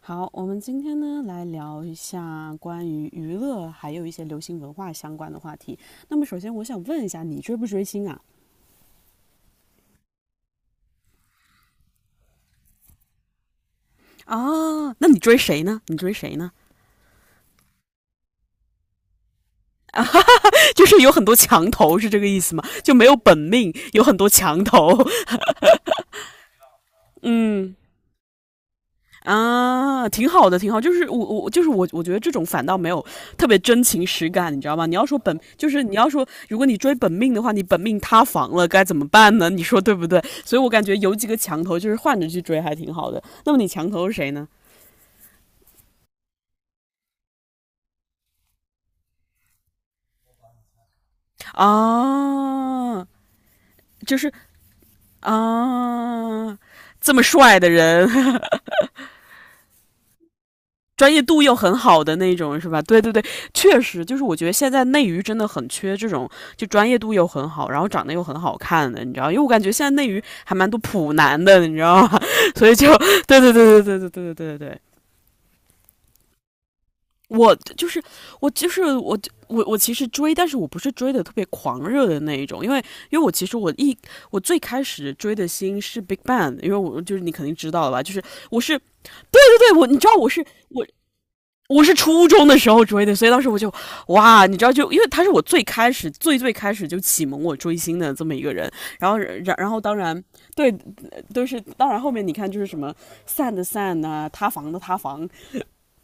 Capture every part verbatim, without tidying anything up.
好，我们今天呢来聊一下关于娱乐还有一些流行文化相关的话题。那么首先我想问一下，你追不追星啊？啊，那你追谁呢？你追谁呢？就是有很多墙头，是这个意思吗？就没有本命，有很多墙头。嗯，啊，挺好的，挺好。就是我我就是我，我觉得这种反倒没有特别真情实感，你知道吗？你要说本就是你要说，如果你追本命的话，你本命塌房了该怎么办呢？你说对不对？所以我感觉有几个墙头就是换着去追还挺好的。那么你墙头是谁呢？啊，就是啊，这么帅的人，专业度又很好的那种，是吧？对对对，确实就是我觉得现在内娱真的很缺这种，就专业度又很好，然后长得又很好看的，你知道？因为我感觉现在内娱还蛮多普男的，你知道吗？所以就对对对对对对对对对对，我就是我就是我我我其实追，但是我不是追的特别狂热的那一种，因为因为我其实我一我最开始追的星是 Big Bang。因为我就是你肯定知道了吧？就是我是对我你知道我是我我是初中的时候追的，所以当时我就哇，你知道就，就因为他是我最开始最最开始就启蒙我追星的这么一个人。然后然然后当然对都是当然后面你看就是什么散的散啊，塌房的塌房，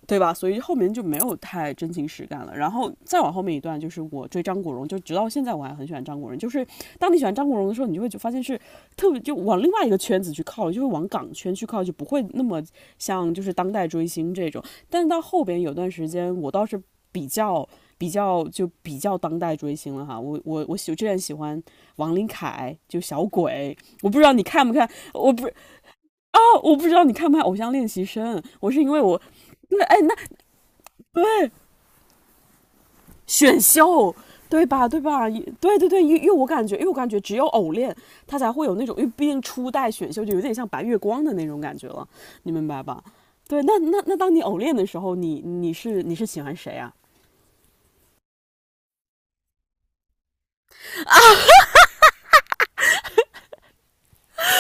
对吧？所以后面就没有太真情实感了。然后再往后面一段，就是我追张国荣，就直到现在我还很喜欢张国荣。就是当你喜欢张国荣的时候，你就会就发现是特别就往另外一个圈子去靠，就会往港圈去靠，就不会那么像就是当代追星这种。但是到后边有段时间，我倒是比较比较就比较当代追星了哈。我我我喜我之前喜欢王琳凯，就小鬼。我不知道你看不看，我不啊，哦，我不知道你看不看《偶像练习生》。我是因为我。对，哎，对，选秀，对吧？对吧？对对对，因为因为我感觉，因为我感觉只有偶练，他才会有那种，因为毕竟初代选秀就有点像白月光的那种感觉了，你明白吧？对，那那那当你偶练的时候，你你是你是喜欢谁啊？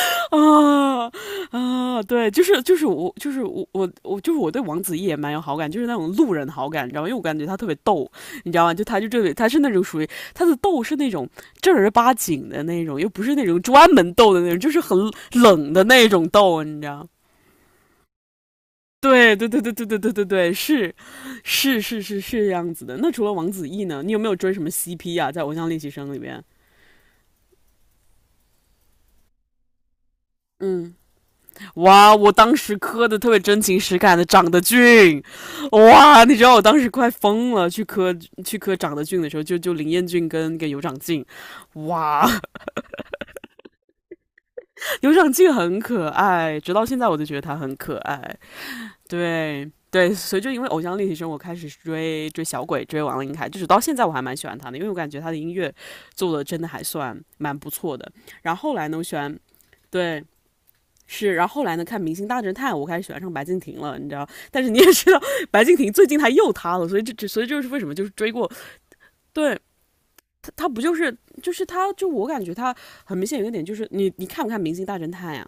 啊啊，对，就是就是我就是我我我就是我对王子异也蛮有好感，就是那种路人好感，你知道吗？因为我感觉他特别逗，你知道吗？就他就这里他是那种属于他的逗是那种正儿八经的那种，又不是那种专门逗的那种，就是很冷的那种逗，你知道吗？对对对对对对对对对，是是是是是，这样子的。那除了王子异呢，你有没有追什么 C P 啊？在《偶像练习生》里边，嗯，哇！我当时磕的特别真情实感的，长得俊，哇！你知道我当时快疯了，去磕去磕长得俊的时候，就就林彦俊跟跟尤长靖，哇！尤长靖很可爱，直到现在我都觉得他很可爱。对对，所以就因为《偶像练习生》，我开始追追小鬼，追王琳凯，就是到现在我还蛮喜欢他的，因为我感觉他的音乐做的真的还算蛮不错的。然后后来呢，我喜欢，对。是，然后后来呢，看《明星大侦探》，我开始喜欢上白敬亭了，你知道？但是你也知道，白敬亭最近他又塌了，所以这这，所以就是为什么就是追过。对，他他不就是就是他就我感觉他很明显有一个点就是你你看不看《明星大侦探》呀、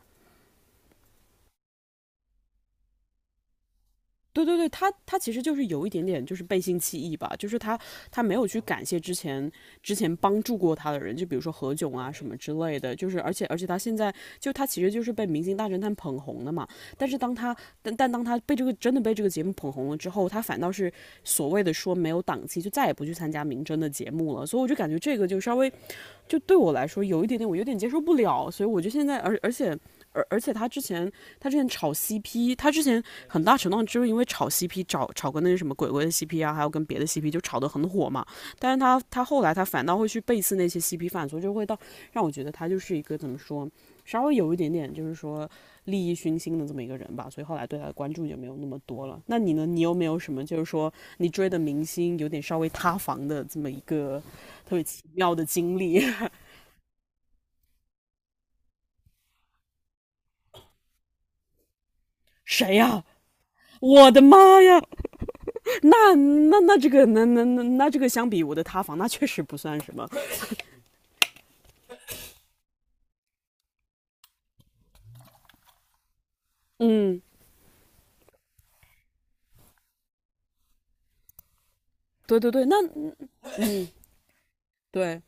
对对对，他他其实就是有一点点就是背信弃义吧，就是他他没有去感谢之前之前帮助过他的人，就比如说何炅啊什么之类的，就是而且而且他现在就他其实就是被《明星大侦探》捧红的嘛。但是当他但但当他被这个真的被这个节目捧红了之后，他反倒是所谓的说没有档期，就再也不去参加明侦的节目了，所以我就感觉这个就稍微就对我来说有一点点，我有点接受不了，所以我就现在，而而且而而且他之前他之前炒 C P,他之前很大程度上就是因为炒 CP 炒炒跟那个什么鬼鬼的 C P 啊，还有跟别的 CP 就炒得很火嘛。但是他他后来他反倒会去背刺那些 C P 犯，所以就会到让我觉得他就是一个怎么说，稍微有一点点就是说利益熏心的这么一个人吧。所以后来对他的关注就没有那么多了。那你呢？你有没有什么就是说你追的明星有点稍微塌房的这么一个特别奇妙的经历？谁呀、啊，我的妈呀！那那那这个那那那那这个相比我的塌房，那确实不算什么。嗯，对对对，那，对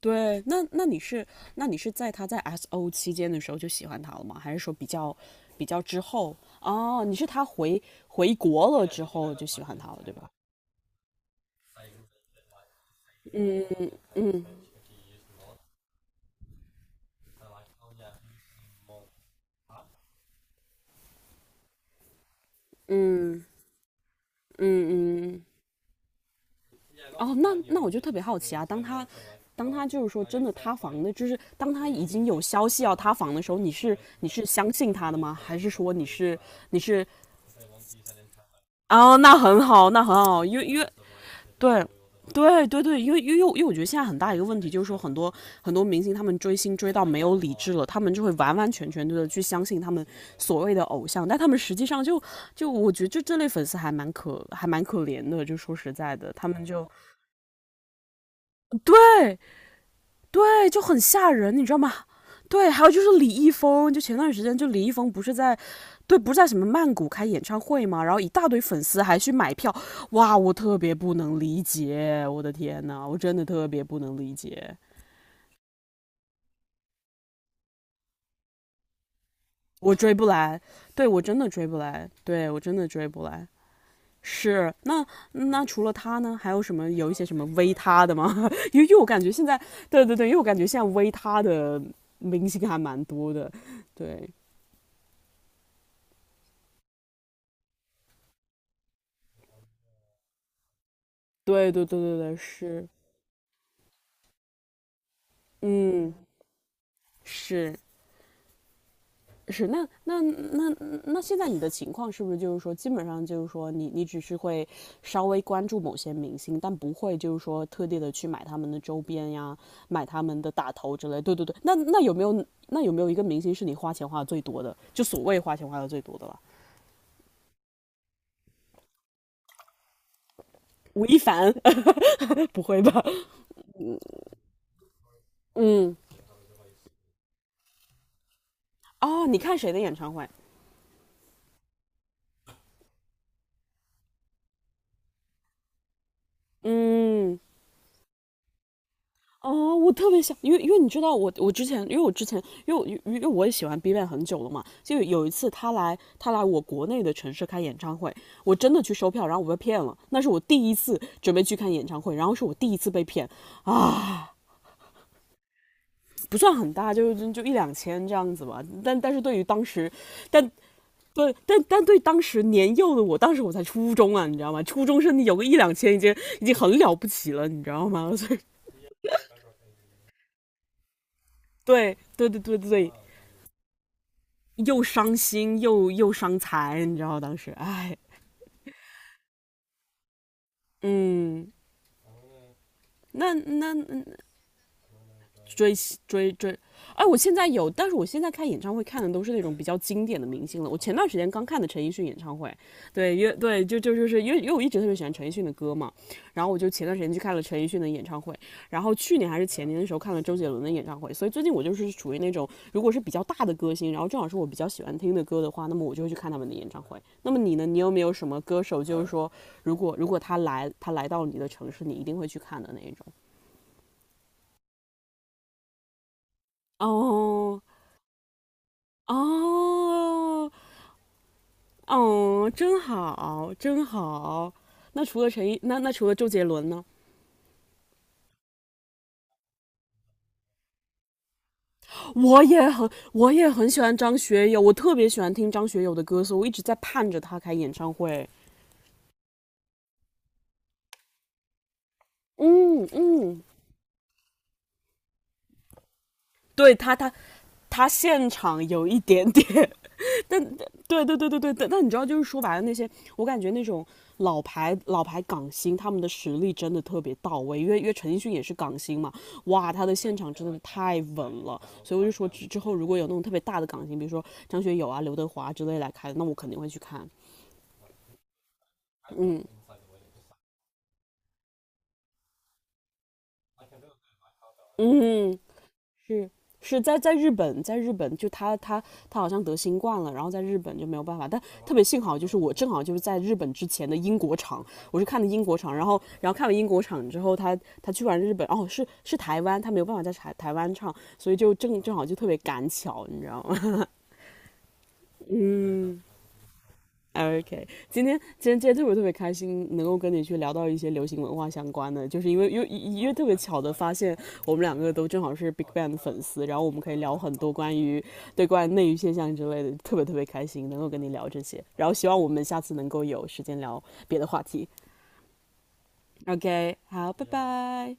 对，那那你是那你是在他在 S O 期间的时候就喜欢他了吗？还是说比较比较之后？哦，你是他回回国了之后就喜欢他了，对吧？嗯嗯嗯嗯嗯嗯，哦，那那我就特别好奇啊，当他当他就是说真的塌房的，就是当他已经有消息要塌房的时候，你是你是相信他的吗？还是说你是你是哦，那很好，那很好，因为因为对。对对对，因为因为因为我觉得现在很大一个问题就是说，很多很多明星他们追星追到没有理智了，他们就会完完全全的去相信他们所谓的偶像，但他们实际上就就我觉得就这类粉丝还蛮可还蛮可怜的，就说实在的，他们就对对，就很吓人，你知道吗？对，还有就是李易峰，就前段时间就李易峰不是在，对，不是在什么曼谷开演唱会嘛，然后一大堆粉丝还去买票，哇，我特别不能理解，我的天呐，我真的特别不能理解，我追不来，对我真的追不来，对我真的追不来。是，那那除了他呢，还有什么有一些什么微他的吗？因为因为我感觉现在，对对对，因为我感觉现在微他的明星还蛮多的，对，对对对对对，是，嗯，是是，那那那那现在你的情况是不是就是说，基本上就是说你，你只是会稍微关注某些明星，但不会就是说特地的去买他们的周边呀，买他们的打头之类。对对对，那那有没有那有没有一个明星是你花钱花的最多的？就所谓花钱花的最多的了？吴亦凡，不会吧？嗯，哦，你看谁的演唱会？嗯。哦，我特别想，因为因为你知道我我之前，因为我之前，因为我因为我也喜欢 b 站 a n 很久了嘛，就有一次他来他来我国内的城市开演唱会，我真的去收票，然后我被骗了，那是我第一次准备去看演唱会，然后是我第一次被骗啊。不算很大，就就就一两千这样子吧，但但是对于当时，但。对，但但对当时年幼的我，当时我才初中啊，你知道吗？初中生有个一两千已经已经很了不起了，你知道吗？所以，对对对对对，又伤心又又伤财，你知道当时，哎，嗯，那那追追追，哎，我现在有，但是我现在看演唱会看的都是那种比较经典的明星了。我前段时间刚看的陈奕迅演唱会，对，因为对，就就就是因为因为我一直特别喜欢陈奕迅的歌嘛，然后我就前段时间去看了陈奕迅的演唱会，然后去年还是前年的时候看了周杰伦的演唱会，所以最近我就是属于那种如果是比较大的歌星，然后正好是我比较喜欢听的歌的话，那么我就会去看他们的演唱会。那么你呢？你有没有什么歌手，就是说如果如果他来他来到你的城市，你一定会去看的那一种？哦，哦，哦，真好，真好。那除了陈奕，那那除了周杰伦呢？我也很，我也很喜欢张学友，我特别喜欢听张学友的歌，所以我一直在盼着他开演唱会。嗯嗯，对他，他他现场有一点点但对对对对对对，但你知道，就是说白了，那些我感觉那种老牌老牌港星，他们的实力真的特别到位。因为因为陈奕迅也是港星嘛，哇，他的现场真的太稳了。所以我就说之之后如果有那种特别大的港星，比如说张学友啊、刘德华啊之类来开的那我肯定会去看。嗯嗯，是是在在日本，在日本就他他他好像得新冠了，然后在日本就没有办法。但特别幸好就是我正好就是在日本之前的英国场，我是看的英国场，然后然后看完英国场之后，他他去完日本，哦是是台湾，他没有办法在台台湾唱，所以就正正好就特别赶巧，你知道吗？嗯，OK，今天今天今天特别特别开心，能够跟你去聊到一些流行文化相关的，就是因为因为因为特别巧的发现，我们两个都正好是 BigBang 的粉丝，然后我们可以聊很多关于对关于内娱现象之类的，特别特别开心能够跟你聊这些，然后希望我们下次能够有时间聊别的话题。OK，好，拜拜。